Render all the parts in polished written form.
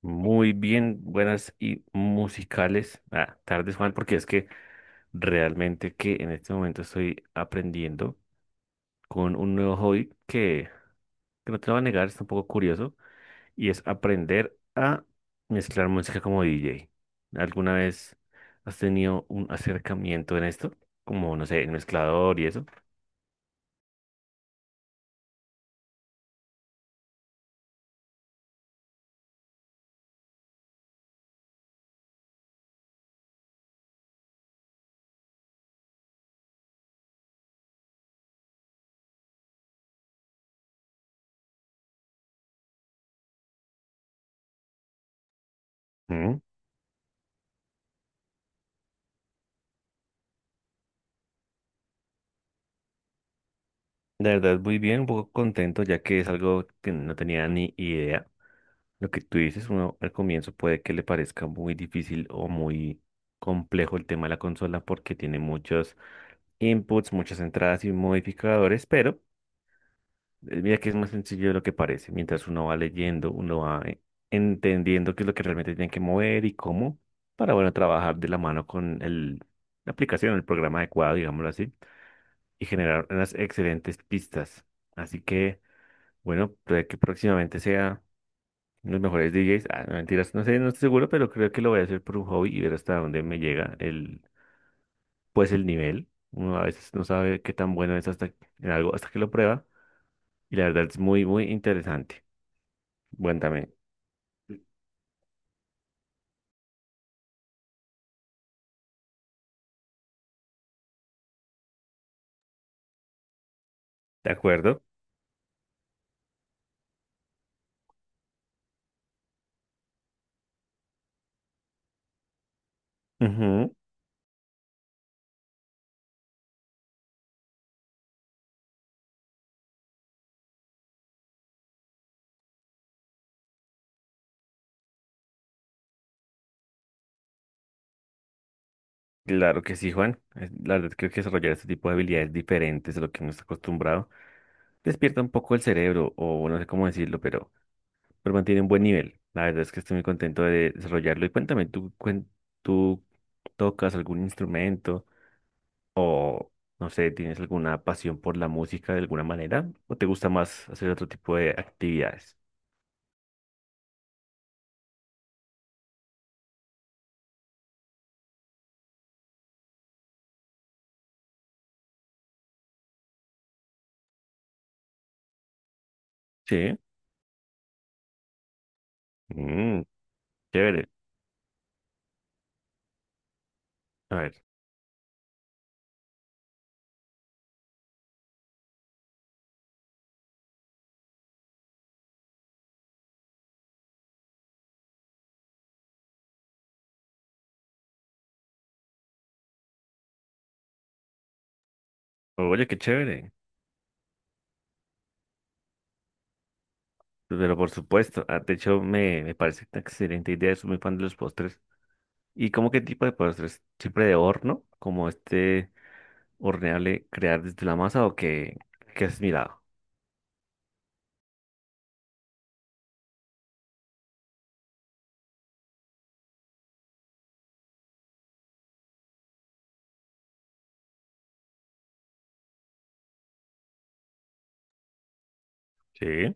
Muy bien, buenas y musicales. Tardes, Juan, porque es que realmente que en este momento estoy aprendiendo con un nuevo hobby que no te lo voy a negar, es un poco curioso, y es aprender a mezclar música como DJ. ¿Alguna vez has tenido un acercamiento en esto? Como, no sé, el mezclador y eso. Mm, la verdad, muy bien, un poco contento, ya que es algo que no tenía ni idea. Lo que tú dices, uno al comienzo puede que le parezca muy difícil o muy complejo el tema de la consola porque tiene muchos inputs, muchas entradas y modificadores, pero mira que es más sencillo de lo que parece. Mientras uno va leyendo, uno va entendiendo qué es lo que realmente tiene que mover y cómo para, bueno, trabajar de la mano con la aplicación, el programa adecuado, digámoslo así, y generar unas excelentes pistas. Así que, bueno, puede que próximamente sea los mejores DJs, ah, no, mentiras, no sé, no estoy seguro, pero creo que lo voy a hacer por un hobby y ver hasta dónde me llega pues el nivel. Uno a veces no sabe qué tan bueno es hasta en algo hasta que lo prueba, y la verdad es muy, muy interesante. Bueno, también, ¿de acuerdo? Ujú. Claro que sí, Juan. La verdad creo que desarrollar este tipo de habilidades diferentes a lo que uno está acostumbrado despierta un poco el cerebro o no sé cómo decirlo, pero mantiene un buen nivel. La verdad es que estoy muy contento de desarrollarlo. Y cuéntame, ¿tú, tú tocas algún instrumento o, no sé, tienes alguna pasión por la música de alguna manera? ¿O te gusta más hacer otro tipo de actividades? Sí. Mm, chévere. A ver. Oye, qué chévere. Pero por supuesto, de hecho me, me parece una excelente idea, soy muy fan de los postres. ¿Y cómo qué tipo de postres? ¿Siempre de horno? ¿Como este horneable crear desde la masa o qué, qué has mirado? Sí.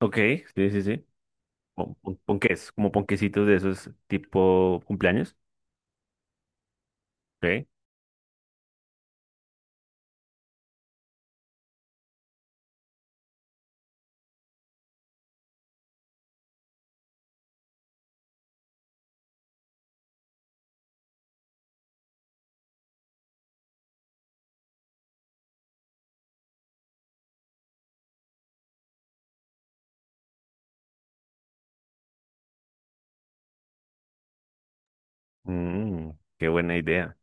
Ok, sí, sí, sí. Ponques, como ponquecitos de esos tipo cumpleaños. ¿Ok? Mm, qué buena idea.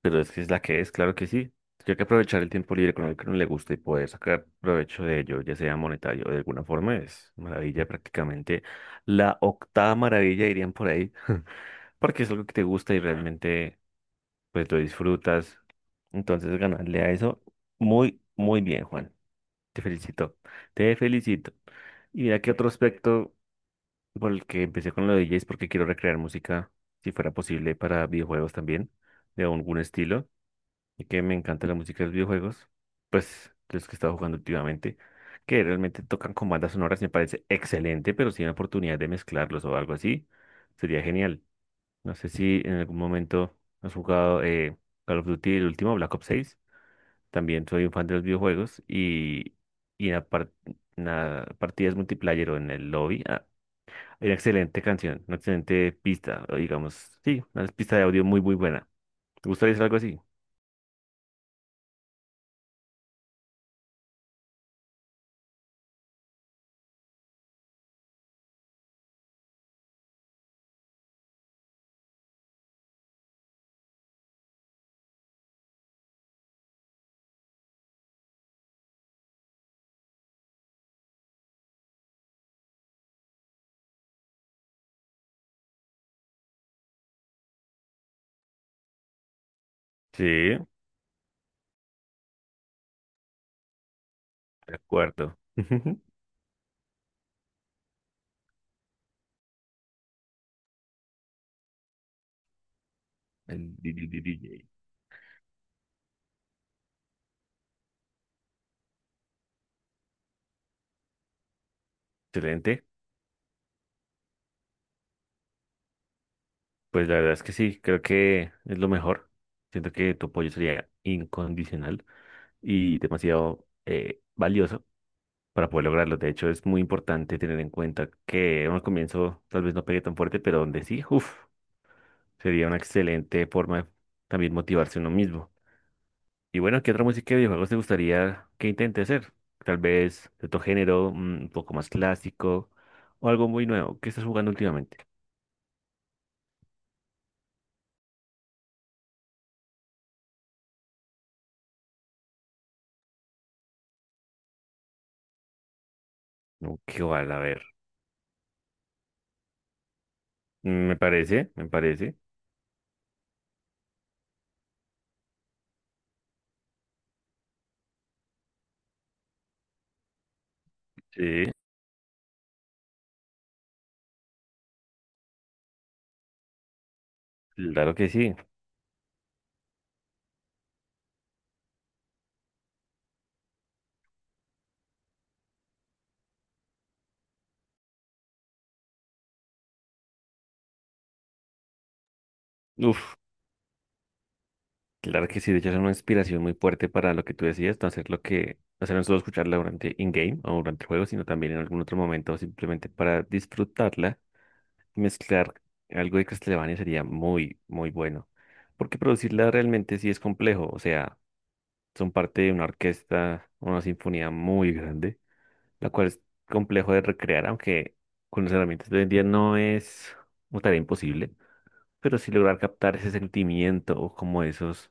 Pero es que es la que es, claro que sí. Hay que aprovechar el tiempo libre con el que no le gusta y poder sacar provecho de ello, ya sea monetario o de alguna forma, es maravilla prácticamente. La octava maravilla dirían por ahí, porque es algo que te gusta y realmente pues lo disfrutas. Entonces ganarle a eso, muy, muy bien, Juan. Te felicito, te felicito. Y mira que otro aspecto por el que empecé con lo de DJ es porque quiero recrear música, si fuera posible, para videojuegos también, de algún estilo, y que me encanta la música de los videojuegos, pues de los que he estado jugando últimamente, que realmente tocan con bandas sonoras, me parece excelente, pero si hay una oportunidad de mezclarlos o algo así, sería genial. No sé si en algún momento has jugado Call of Duty, el último, Black Ops seis. También soy un fan de los videojuegos y, y en, la par- en la partidas multiplayer o en el lobby hay una excelente canción, una excelente pista, o digamos, sí, una pista de audio muy, muy buena. ¿Te gustaría hacer algo así? Sí, de acuerdo. El DJ. Excelente. Pues la verdad es que sí, creo que es lo mejor. Siento que tu apoyo sería incondicional y demasiado valioso para poder lograrlo. De hecho, es muy importante tener en cuenta que en un comienzo tal vez no pegue tan fuerte, pero donde sí, uff, sería una excelente forma de también motivarse uno mismo. Y bueno, ¿qué otra música de videojuegos te gustaría que intente hacer? Tal vez de otro género, mm, un poco más clásico o algo muy nuevo. ¿Qué estás jugando últimamente? No, qué vale, a ver. Mm, me parece, me parece. Sí, claro que sí. Uf. Claro que sí, de hecho es una inspiración muy fuerte para lo que tú decías, no hacer lo que, o sea, no solo escucharla durante in-game o durante el juego, sino también en algún otro momento, simplemente para disfrutarla, mezclar algo de Castlevania sería muy, muy bueno, porque producirla realmente sí es complejo, o sea, son parte de una orquesta, una sinfonía muy grande, la cual es complejo de recrear, aunque con las herramientas de hoy en día no es una tarea imposible, pero sí lograr captar ese sentimiento o como esos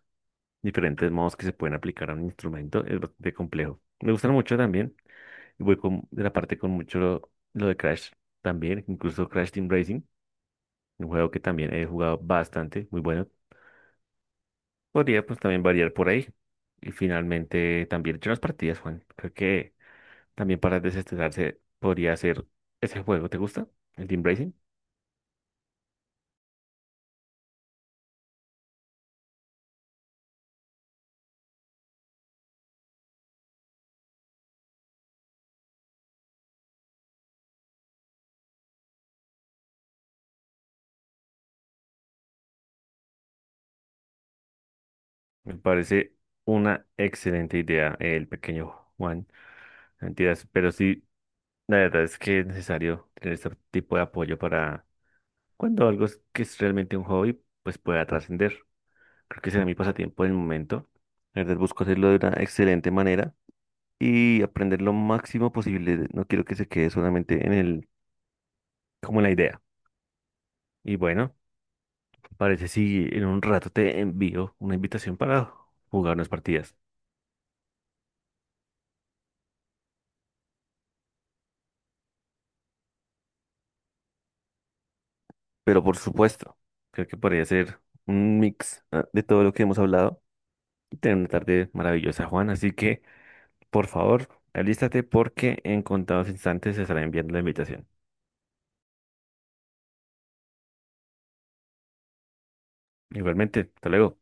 diferentes modos que se pueden aplicar a un instrumento es bastante complejo. Me gustan mucho también. Y voy con, de la parte con mucho lo de Crash también, incluso Crash Team Racing, un juego que también he jugado bastante, muy bueno. Podría pues también variar por ahí. Y finalmente también he hecho unas partidas, Juan. Creo que también para desestresarse podría ser ese juego. ¿Te gusta? El Team Racing. Me parece una excelente idea el pequeño Juan. Mentiras, pero sí. La verdad es que es necesario tener este tipo de apoyo para cuando algo que es realmente un hobby, pues pueda trascender. Creo que será mi pasatiempo en el momento. La verdad busco hacerlo de una excelente manera y aprender lo máximo posible. No quiero que se quede solamente en como en la idea. Y bueno, parece si en un rato te envío una invitación para jugar unas partidas. Pero por supuesto, creo que podría ser un mix de todo lo que hemos hablado y tener una tarde maravillosa, Juan. Así que... Por favor, alístate porque en contados instantes se estará enviando la invitación. Igualmente, hasta luego.